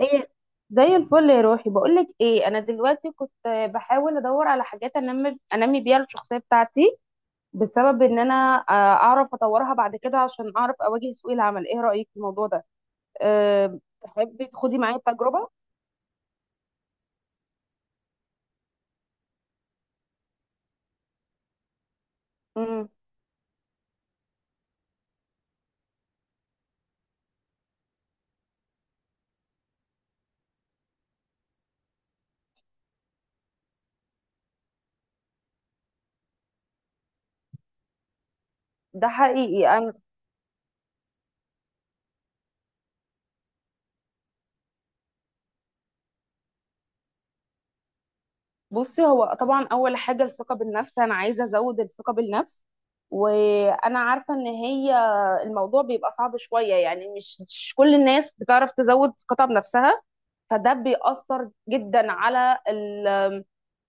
ايه. زي الفل يا روحي، بقولك ايه، انا دلوقتي كنت بحاول ادور على حاجات انمي بيها الشخصيه بتاعتي، بسبب ان انا اعرف اطورها بعد كده عشان اعرف اواجه سوق العمل. ايه رايك في الموضوع ده؟ تحبي تخدي معايا التجربه؟ امم. ده حقيقي انا. بصي، هو طبعا اول حاجه الثقه بالنفس، انا عايزه ازود الثقه بالنفس، وانا عارفه ان هي الموضوع بيبقى صعب شويه. يعني مش كل الناس بتعرف تزود ثقتها بنفسها، فده بيأثر جدا على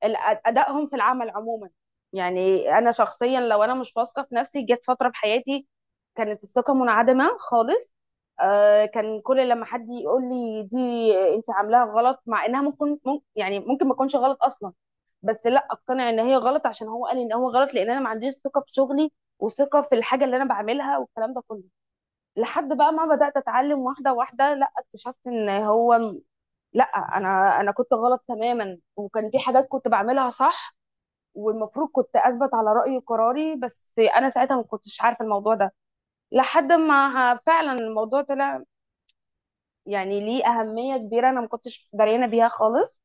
ال- أدائهم في العمل عموما. يعني أنا شخصيا لو أنا مش واثقة في نفسي، جت فترة في حياتي كانت الثقة منعدمة خالص. كان كل لما حد يقول لي دي، انت عاملاها غلط، مع انها ممكن يعني ممكن ما تكونش غلط اصلا، بس لا اقتنع ان هي غلط عشان هو قال ان هو غلط، لان انا ما عنديش ثقه في شغلي وثقه في الحاجه اللي انا بعملها والكلام ده كله. لحد بقى ما بدات اتعلم واحده واحده، لا اكتشفت ان هو لا، انا كنت غلط تماما، وكان في حاجات كنت بعملها صح، والمفروض كنت اثبت على رايي وقراري. بس انا ساعتها ما كنتش عارفه الموضوع ده، لحد ما فعلا الموضوع طلع يعني ليه اهميه كبيره انا ما كنتش دريانه بيها خالص.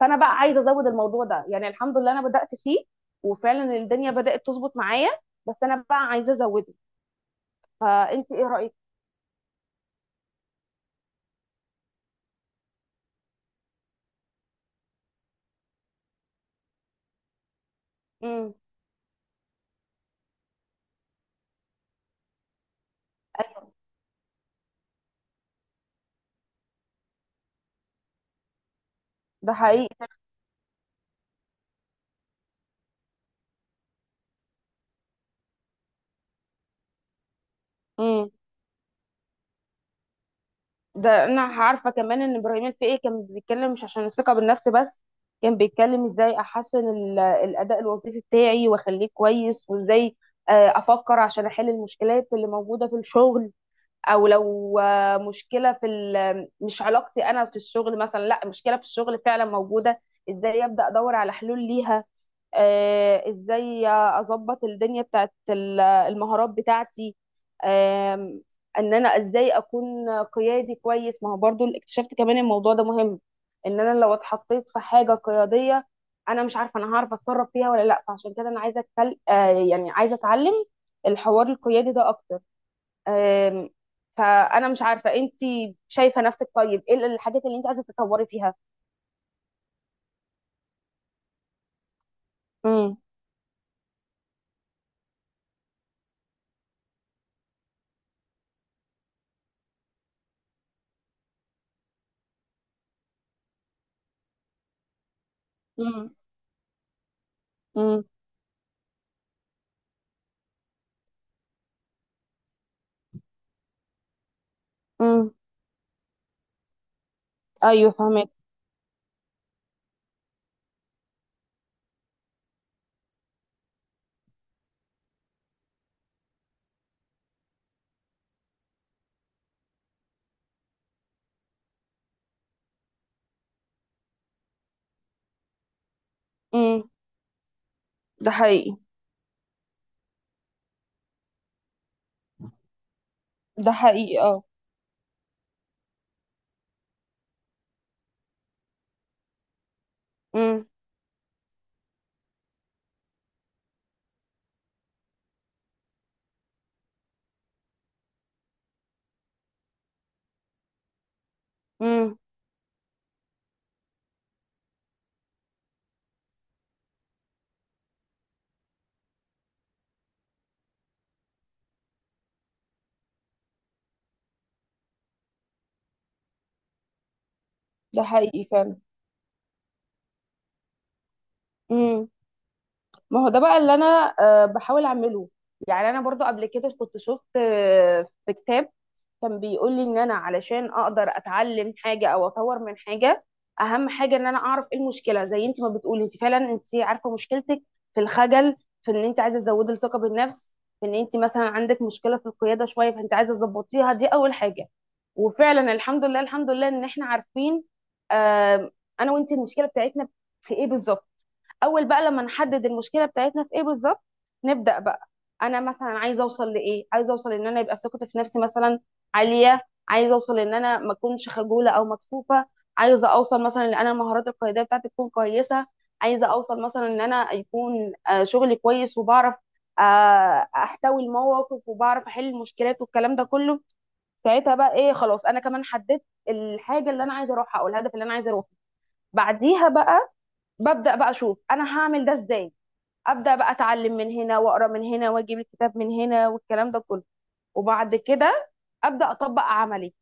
فانا بقى عايزه ازود الموضوع ده، يعني الحمد لله انا بدات فيه، وفعلا الدنيا بدات تظبط معايا، بس انا بقى عايزه ازوده. فانت ايه رايك؟ امم. ده حقيقي. ده انا عارفه كمان ان ابراهيم الفقي كان بيتكلم مش عشان الثقه بالنفس بس، كان بيتكلم ازاي احسن الاداء الوظيفي بتاعي واخليه كويس، وازاي آه، افكر عشان احل المشكلات اللي موجوده في الشغل. او لو مشكله في مش علاقتي انا في الشغل مثلا، لا مشكله في الشغل فعلا موجوده، ازاي ابدا ادور على حلول ليها. ازاي اظبط الدنيا بتاعت المهارات بتاعتي. آم، ان انا ازاي اكون قيادي كويس. ما هو برضو اكتشفت كمان الموضوع ده مهم. ان انا لو اتحطيت في حاجة قيادية، انا مش عارفة انا هعرف اتصرف فيها ولا لا، فعشان كده انا عايزة أتكل... آه، يعني عايزة اتعلم الحوار القيادي ده اكتر. آم، فانا مش عارفة انت شايفة نفسك طيب ايه الحاجات اللي انت عايزة تتطوري فيها؟ امم. امم. امم. ايوه فهمت. ده حقيقي. ده حقيقي اه. امم. امم. ده حقيقي فعلا. امم. ما هو ده بقى اللي انا بحاول اعمله. يعني انا برضو قبل كده كنت شفت في كتاب كان بيقول لي ان انا علشان اقدر اتعلم حاجه او اطور من حاجه، اهم حاجه ان انا اعرف ايه المشكله. زي انت ما بتقولي، انت فعلا انت عارفه مشكلتك في الخجل، في ان انت عايزه تزودي الثقه بالنفس، في ان انت مثلا عندك مشكله في القياده شويه فانت عايزه تظبطيها. دي اول حاجه. وفعلا الحمد لله الحمد لله ان احنا عارفين آم، انا وانت المشكله بتاعتنا في ايه بالظبط. اول بقى لما نحدد المشكله بتاعتنا في ايه بالظبط، نبدا بقى. انا مثلا عايزه اوصل لايه؟ عايزه اوصل ان انا يبقى ثقتي في نفسي مثلا عاليه، عايزه اوصل ان انا ما اكونش خجوله او مكسوفه، عايزه اوصل مثلا ان انا المهارات القياديه بتاعتي تكون كويسه، عايزه اوصل مثلا ان انا يكون شغلي كويس وبعرف آه، احتوي المواقف وبعرف احل المشكلات والكلام ده كله. ساعتها بقى ايه؟ خلاص، انا كمان حددت الحاجه اللي انا عايزه اروحها او الهدف اللي انا عايزه اروحه. بعديها بقى ببدأ بقى اشوف انا هعمل ده ازاي. ابدا بقى اتعلم من هنا، واقرا من هنا، واجيب الكتاب من هنا، والكلام ده كله. وبعد كده ابدا اطبق عملي.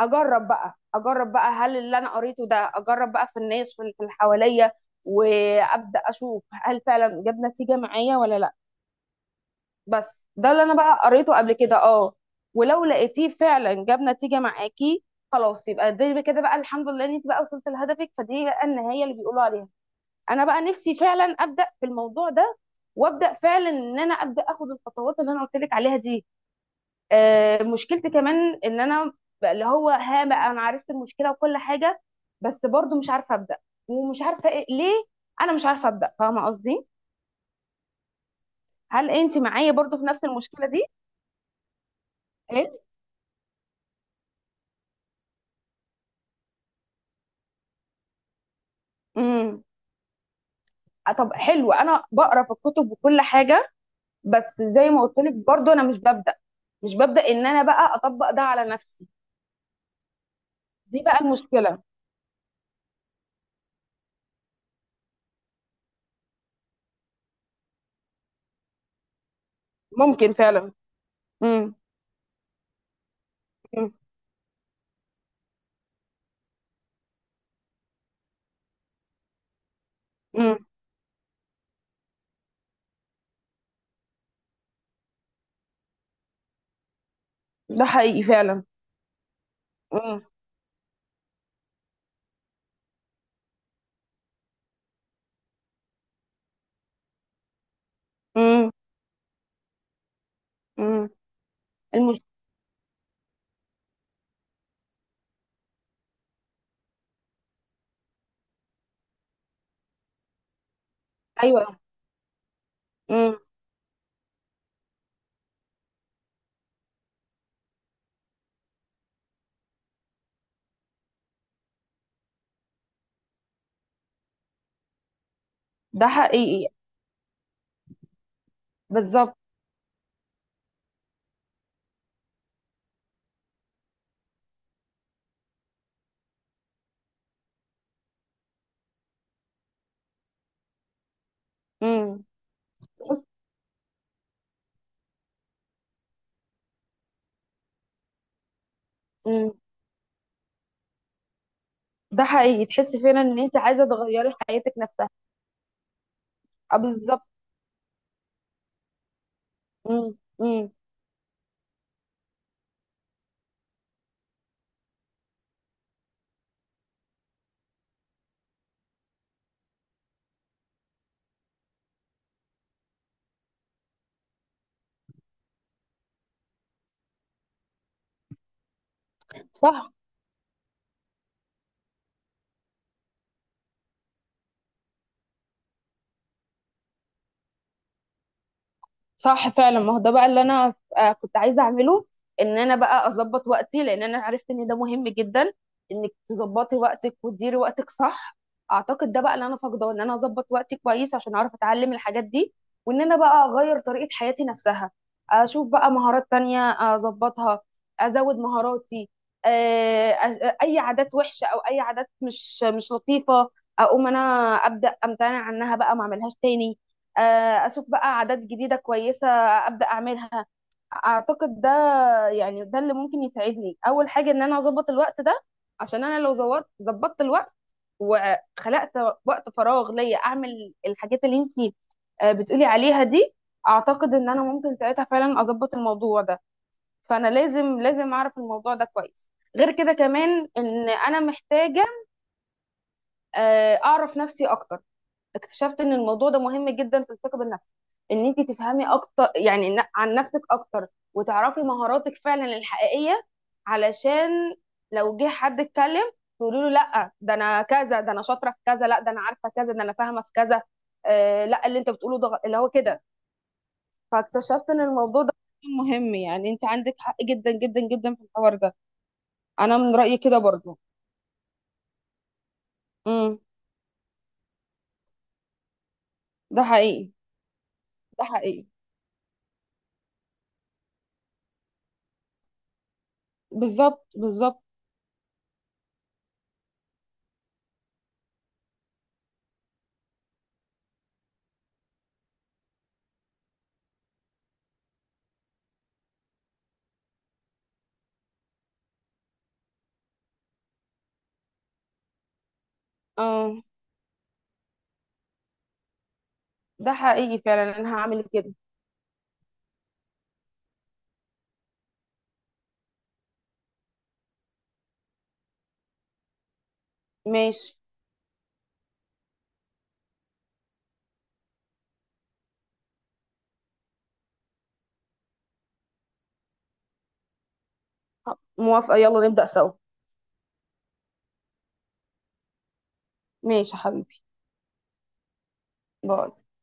اجرب بقى، اجرب بقى هل اللي انا قريته ده، اجرب بقى في الناس في اللي حواليا، وابدا اشوف هل فعلا جاب نتيجه معايا ولا لا. بس ده اللي انا بقى قريته قبل كده اه. ولو لقيتيه فعلا جاب نتيجه معاكي، خلاص يبقى دي كده بقى الحمد لله ان انت بقى وصلت لهدفك، فدي بقى النهايه اللي بيقولوا عليها. انا بقى نفسي فعلا ابدا في الموضوع ده، وابدا فعلا ان انا ابدا اخد الخطوات اللي انا قلت لك عليها دي. آه مشكلتي كمان ان انا بقى اللي هو ها بقى انا عرفت المشكله وكل حاجه، بس برضو مش عارفه ابدا، ومش عارفه إيه ليه انا مش عارفه ابدا. فاهمه قصدي؟ هل انت معايا برضو في نفس المشكله دي؟ ايه. امم. طب حلو، انا بقرا في الكتب وكل حاجه، بس زي ما قلت لك برضو انا مش ببدا، مش ببدا ان انا بقى اطبق ده على نفسي. دي بقى المشكله. ممكن فعلا. مم. مم. ده حقيقي فعلا. مم. مم. مم. المش... ايوه. مم. ده حقيقي. بالظبط. مم. بص. مم. ده حقيقي، تحس فعلا ان انت عايزه تغيري حياتك نفسها. آه، بالظبط. مم. مم. صح. صح فعلا، ما هو ده بقى اللي انا كنت عايزه اعمله، ان انا بقى اظبط وقتي، لان انا عرفت ان ده مهم جدا انك تظبطي وقتك وتديري وقتك صح. اعتقد ده بقى اللي انا فاقده، ان انا اظبط وقتي كويس عشان اعرف اتعلم الحاجات دي وان انا بقى اغير طريقه حياتي نفسها. اشوف بقى مهارات تانية، اظبطها، ازود مهاراتي. اي عادات وحشه او اي عادات مش لطيفه، اقوم انا ابدا امتنع عنها بقى ما اعملهاش تاني. اشوف بقى عادات جديده كويسه ابدا اعملها. اعتقد ده، يعني ده اللي ممكن يساعدني، اول حاجه ان انا اظبط الوقت ده. عشان انا لو ظبطت الوقت وخلقت وقت فراغ ليا اعمل الحاجات اللي انتي بتقولي عليها دي، اعتقد ان انا ممكن ساعتها فعلا اظبط الموضوع ده. فانا لازم اعرف الموضوع ده كويس. غير كده كمان ان انا محتاجه اعرف نفسي اكتر. اكتشفت ان الموضوع ده مهم جدا في الثقه بالنفس، ان انت تفهمي اكتر يعني عن نفسك اكتر، وتعرفي مهاراتك فعلا الحقيقيه، علشان لو جه حد اتكلم تقولي له لا ده انا كذا، ده انا شاطره في كذا، لا ده انا عارفه كذا، ده انا فاهمه في كذا. آه لا اللي انت بتقوله ده اللي هو كده. فاكتشفت ان الموضوع ده مهم. يعني انت عندك حق جدا جدا جدا في الحوار ده. انا من رايي كده برضو. امم. ده حقيقي. ده حقيقي. بالظبط بالظبط. اه ده حقيقي فعلا، انا هعمل كده. ماشي. موافقة، يلا نبدأ سوا. ماشي يا حبيبي. باي.